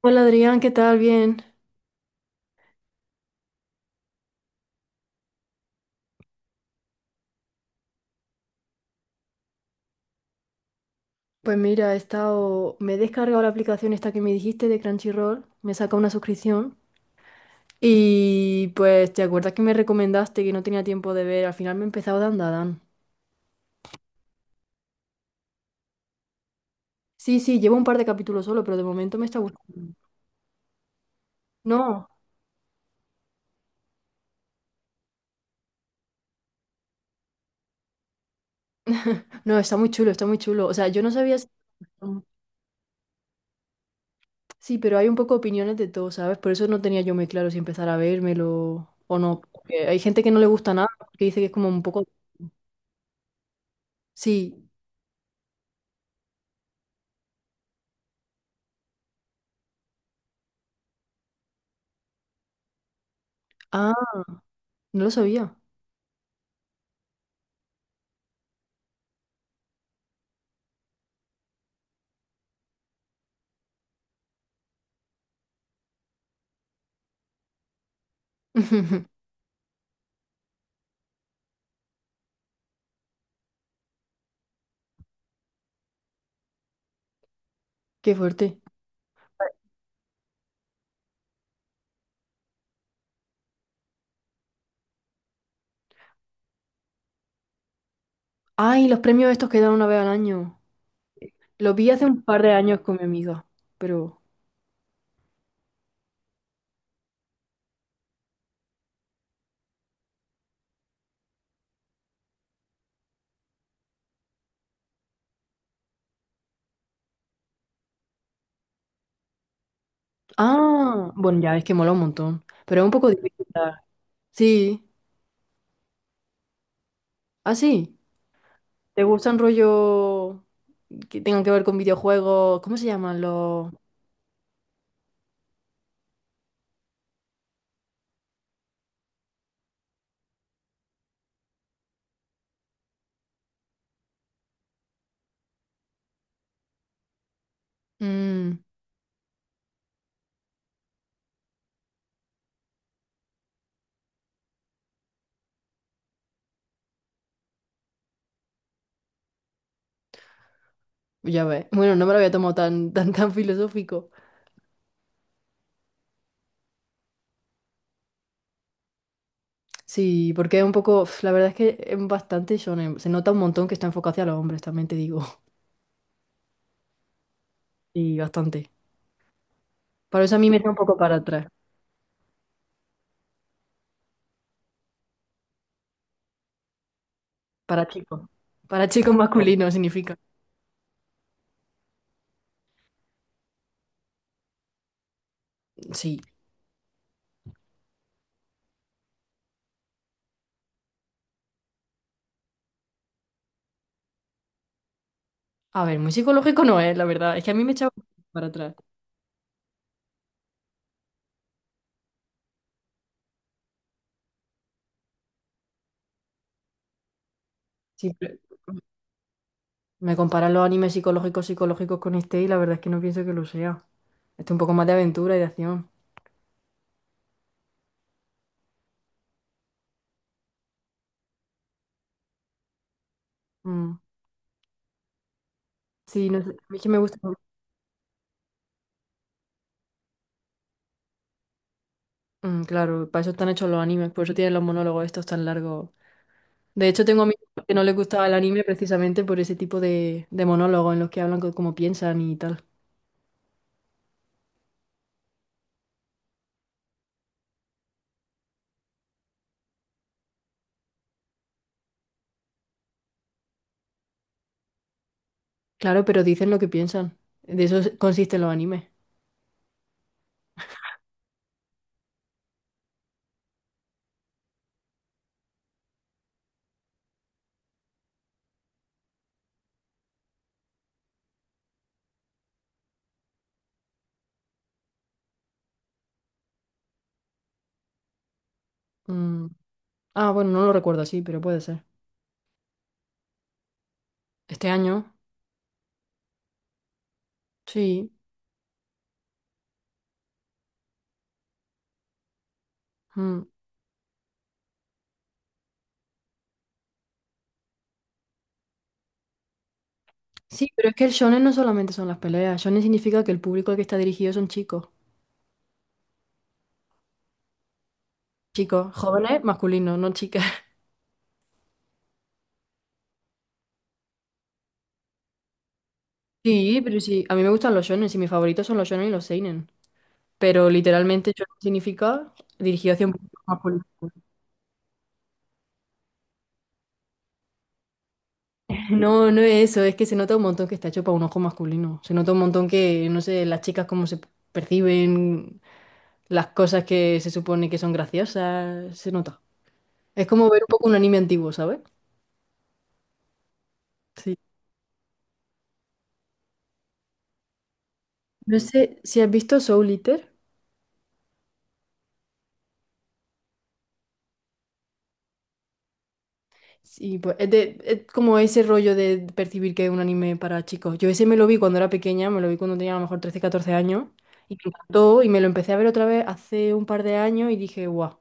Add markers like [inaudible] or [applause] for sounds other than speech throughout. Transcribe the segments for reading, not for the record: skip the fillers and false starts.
Hola Adrián, ¿qué tal? Bien. Pues mira, he estado, me he descargado la aplicación esta que me dijiste de Crunchyroll, me saca una suscripción y pues te acuerdas que me recomendaste que no tenía tiempo de ver, al final me he empezado Dan Da Dan. Sí, sí, llevo un par de capítulos solo, pero de momento me está gustando. No, no, está muy chulo, está muy chulo. O sea, yo no sabía si. Sí, pero hay un poco opiniones de todo, ¿sabes? Por eso no tenía yo muy claro si empezar a vérmelo o no. Porque hay gente que no le gusta nada, que dice que es como un poco. Sí, ah, no lo sabía. [laughs] Qué fuerte. Ay, los premios estos que dan una vez al año. Los vi hace un par de años con mi amiga, pero. Ah, bueno, ya es que mola un montón, pero es un poco difícil. Dar. Sí, ah, sí. ¿Te gustan rollo que tengan que ver con videojuegos? ¿Cómo se llaman los? Mm, ya ves. Bueno, no me lo había tomado tan, tan, tan filosófico. Sí, porque es un poco, uf, la verdad es que es bastante shonen. Se nota un montón que está enfocado hacia los hombres, también te digo. [laughs] Y bastante. Por eso a mí me está un poco para atrás. Para chico. Para chico masculino significa. Sí. A ver, muy psicológico no es, la verdad. Es que a mí me echaba para atrás. Siempre me comparan los animes psicológicos psicológicos con este y la verdad es que no pienso que lo sea. Este es un poco más de aventura y de acción. Mm. Sí, no sé. A mí es que me gusta. Mm, claro, para eso están hechos los animes, por eso tienen los monólogos estos tan largos. De hecho, tengo amigos que no les gustaba el anime precisamente por ese tipo de monólogos en los que hablan como piensan y tal. Claro, pero dicen lo que piensan. De eso consisten los animes. Mm. Ah, bueno, no lo recuerdo así, pero puede ser. Este año, sí. Mm. Sí, pero es que el shonen no solamente son las peleas. Shonen significa que el público al que está dirigido son chicos. Chicos, jóvenes, masculinos, no chicas. [laughs] Sí, pero sí. A mí me gustan los shonen y mis favoritos son los shonen y los seinen. Pero literalmente shonen significa dirigido hacia un público masculino. [laughs] No, no es eso. Es que se nota un montón que está hecho para un ojo masculino. Se nota un montón que, no sé, las chicas cómo se perciben, las cosas que se supone que son graciosas. Se nota. Es como ver un poco un anime antiguo, ¿sabes? Sí. No sé si has visto Soul Eater. Sí, pues es, es como ese rollo de percibir que es un anime para chicos. Yo ese me lo vi cuando era pequeña, me lo vi cuando tenía a lo mejor 13, 14 años y me encantó y me lo empecé a ver otra vez hace un par de años y dije, guau,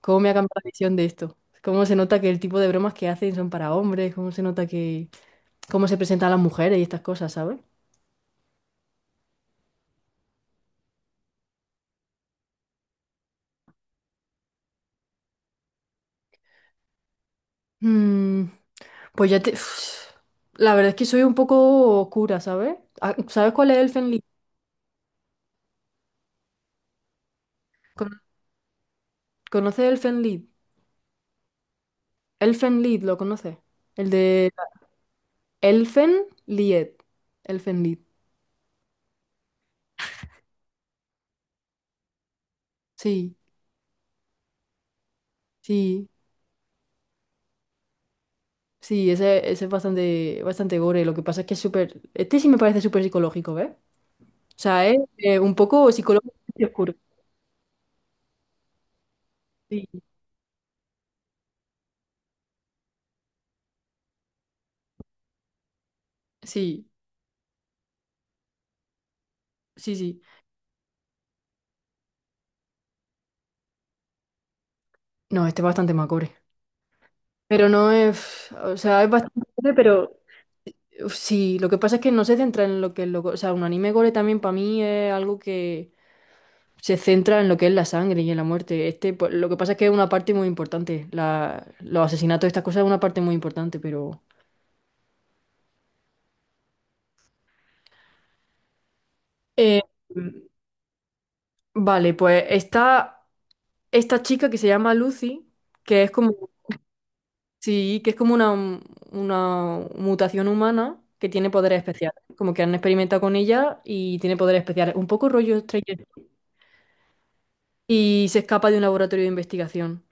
¿cómo me ha cambiado la visión de esto? ¿Cómo se nota que el tipo de bromas que hacen son para hombres? ¿Cómo se nota que cómo se presentan las mujeres y estas cosas? ¿Sabes? Mm, pues ya te, uf, la verdad es que soy un poco oscura, ¿sabes? Ah, ¿sabes cuál es Elfen Lied? ¿Con- ¿Conoces Elfen Lied? Elfen Lied, ¿lo conoces? El de Elfen Lied. Elfen Lied. Sí, sí, sí, ese es bastante, bastante gore. Lo que pasa es que es súper. Este sí me parece súper psicológico, ¿ves? O sea, es un poco psicológico y oscuro. Sí, sí, sí, sí. No, este es bastante más gore. Pero no es, o sea, es bastante gore. Pero uf, sí, lo que pasa es que no se centra en lo que es lo. O sea, un anime gore también para mí es algo que se centra en lo que es la sangre y en la muerte. Este, pues, lo que pasa es que es una parte muy importante. Los asesinatos, estas cosas, es una parte muy importante, pero. Eh, vale, pues está esta chica que se llama Lucy, que es como. Sí, que es como una mutación humana que tiene poderes especiales. Como que han experimentado con ella y tiene poderes especiales. Un poco rollo Stranger y se escapa de un laboratorio de investigación.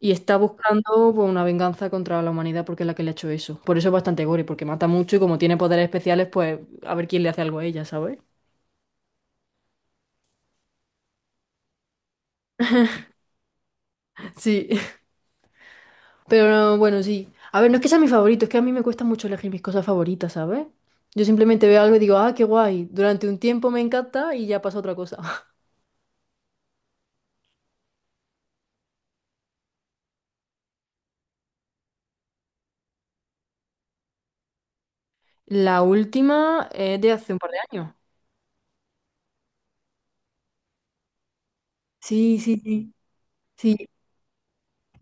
Y está buscando pues, una venganza contra la humanidad porque es la que le ha hecho eso. Por eso es bastante gore, porque mata mucho y como tiene poderes especiales, pues a ver quién le hace algo a ella, ¿sabes? Sí, [laughs] pero no, bueno, sí. A ver, no es que sea mi favorito, es que a mí me cuesta mucho elegir mis cosas favoritas, ¿sabes? Yo simplemente veo algo y digo, ah, qué guay. Durante un tiempo me encanta y ya pasa otra cosa. [laughs] La última es de hace un par de años. Sí, sí, sí. Sí,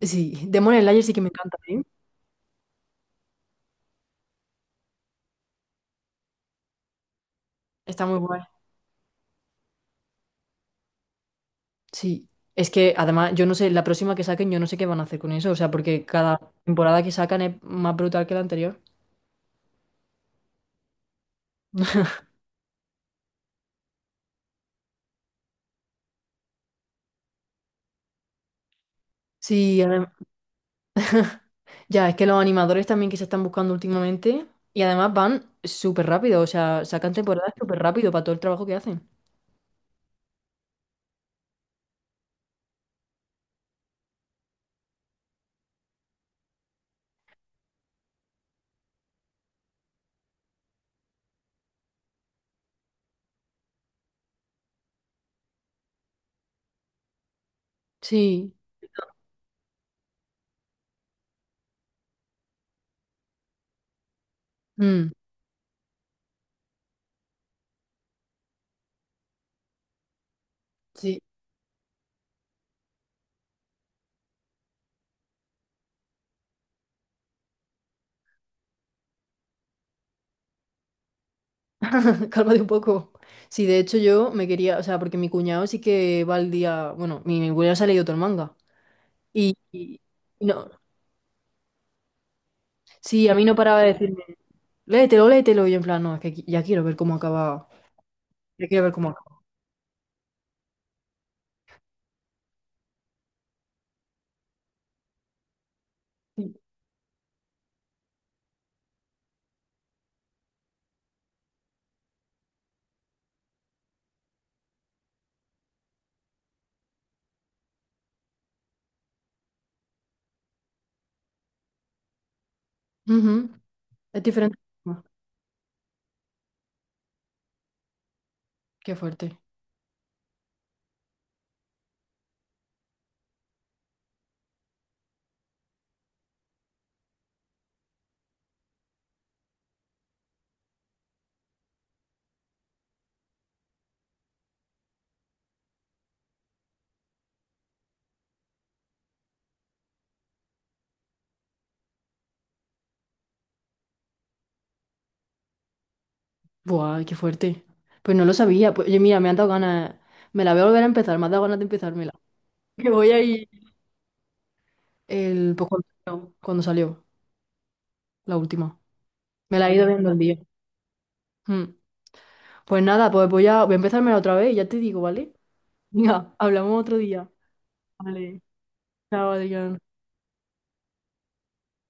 sí. Demon Slayer sí que me encanta, ¿eh? Está muy guay. Sí, es que además yo no sé, la próxima que saquen yo no sé qué van a hacer con eso, o sea, porque cada temporada que sacan es más brutal que la anterior. [laughs] Sí, ya, es que los animadores también que se están buscando últimamente y además van súper rápido, o sea, sacan temporadas súper rápido para todo el trabajo que hacen. Sí, mm, sí, [laughs] cálmate un poco. Sí, de hecho yo me quería, o sea, porque mi cuñado sí que va al día, bueno, mi cuñado se ha leído todo el manga y, y- y no. Sí, a mí no paraba de decirme, léetelo, léetelo, y yo en plan, no, es que ya quiero ver cómo acaba, ya quiero ver cómo acaba. Sí. Ujú, es diferente. Ah, qué fuerte. Buah, qué fuerte. Pues no lo sabía. Pues, oye, mira, me han dado ganas, me la voy a volver a empezar, me ha dado ganas de empezármela. [laughs] Que voy a ir el, pues cuando salió, la última. Me la he ido viendo el día. Mm. Pues nada, pues voy a, empezármela otra vez y ya te digo, ¿vale? Venga, hablamos otro día. Vale. Chao, Adrián.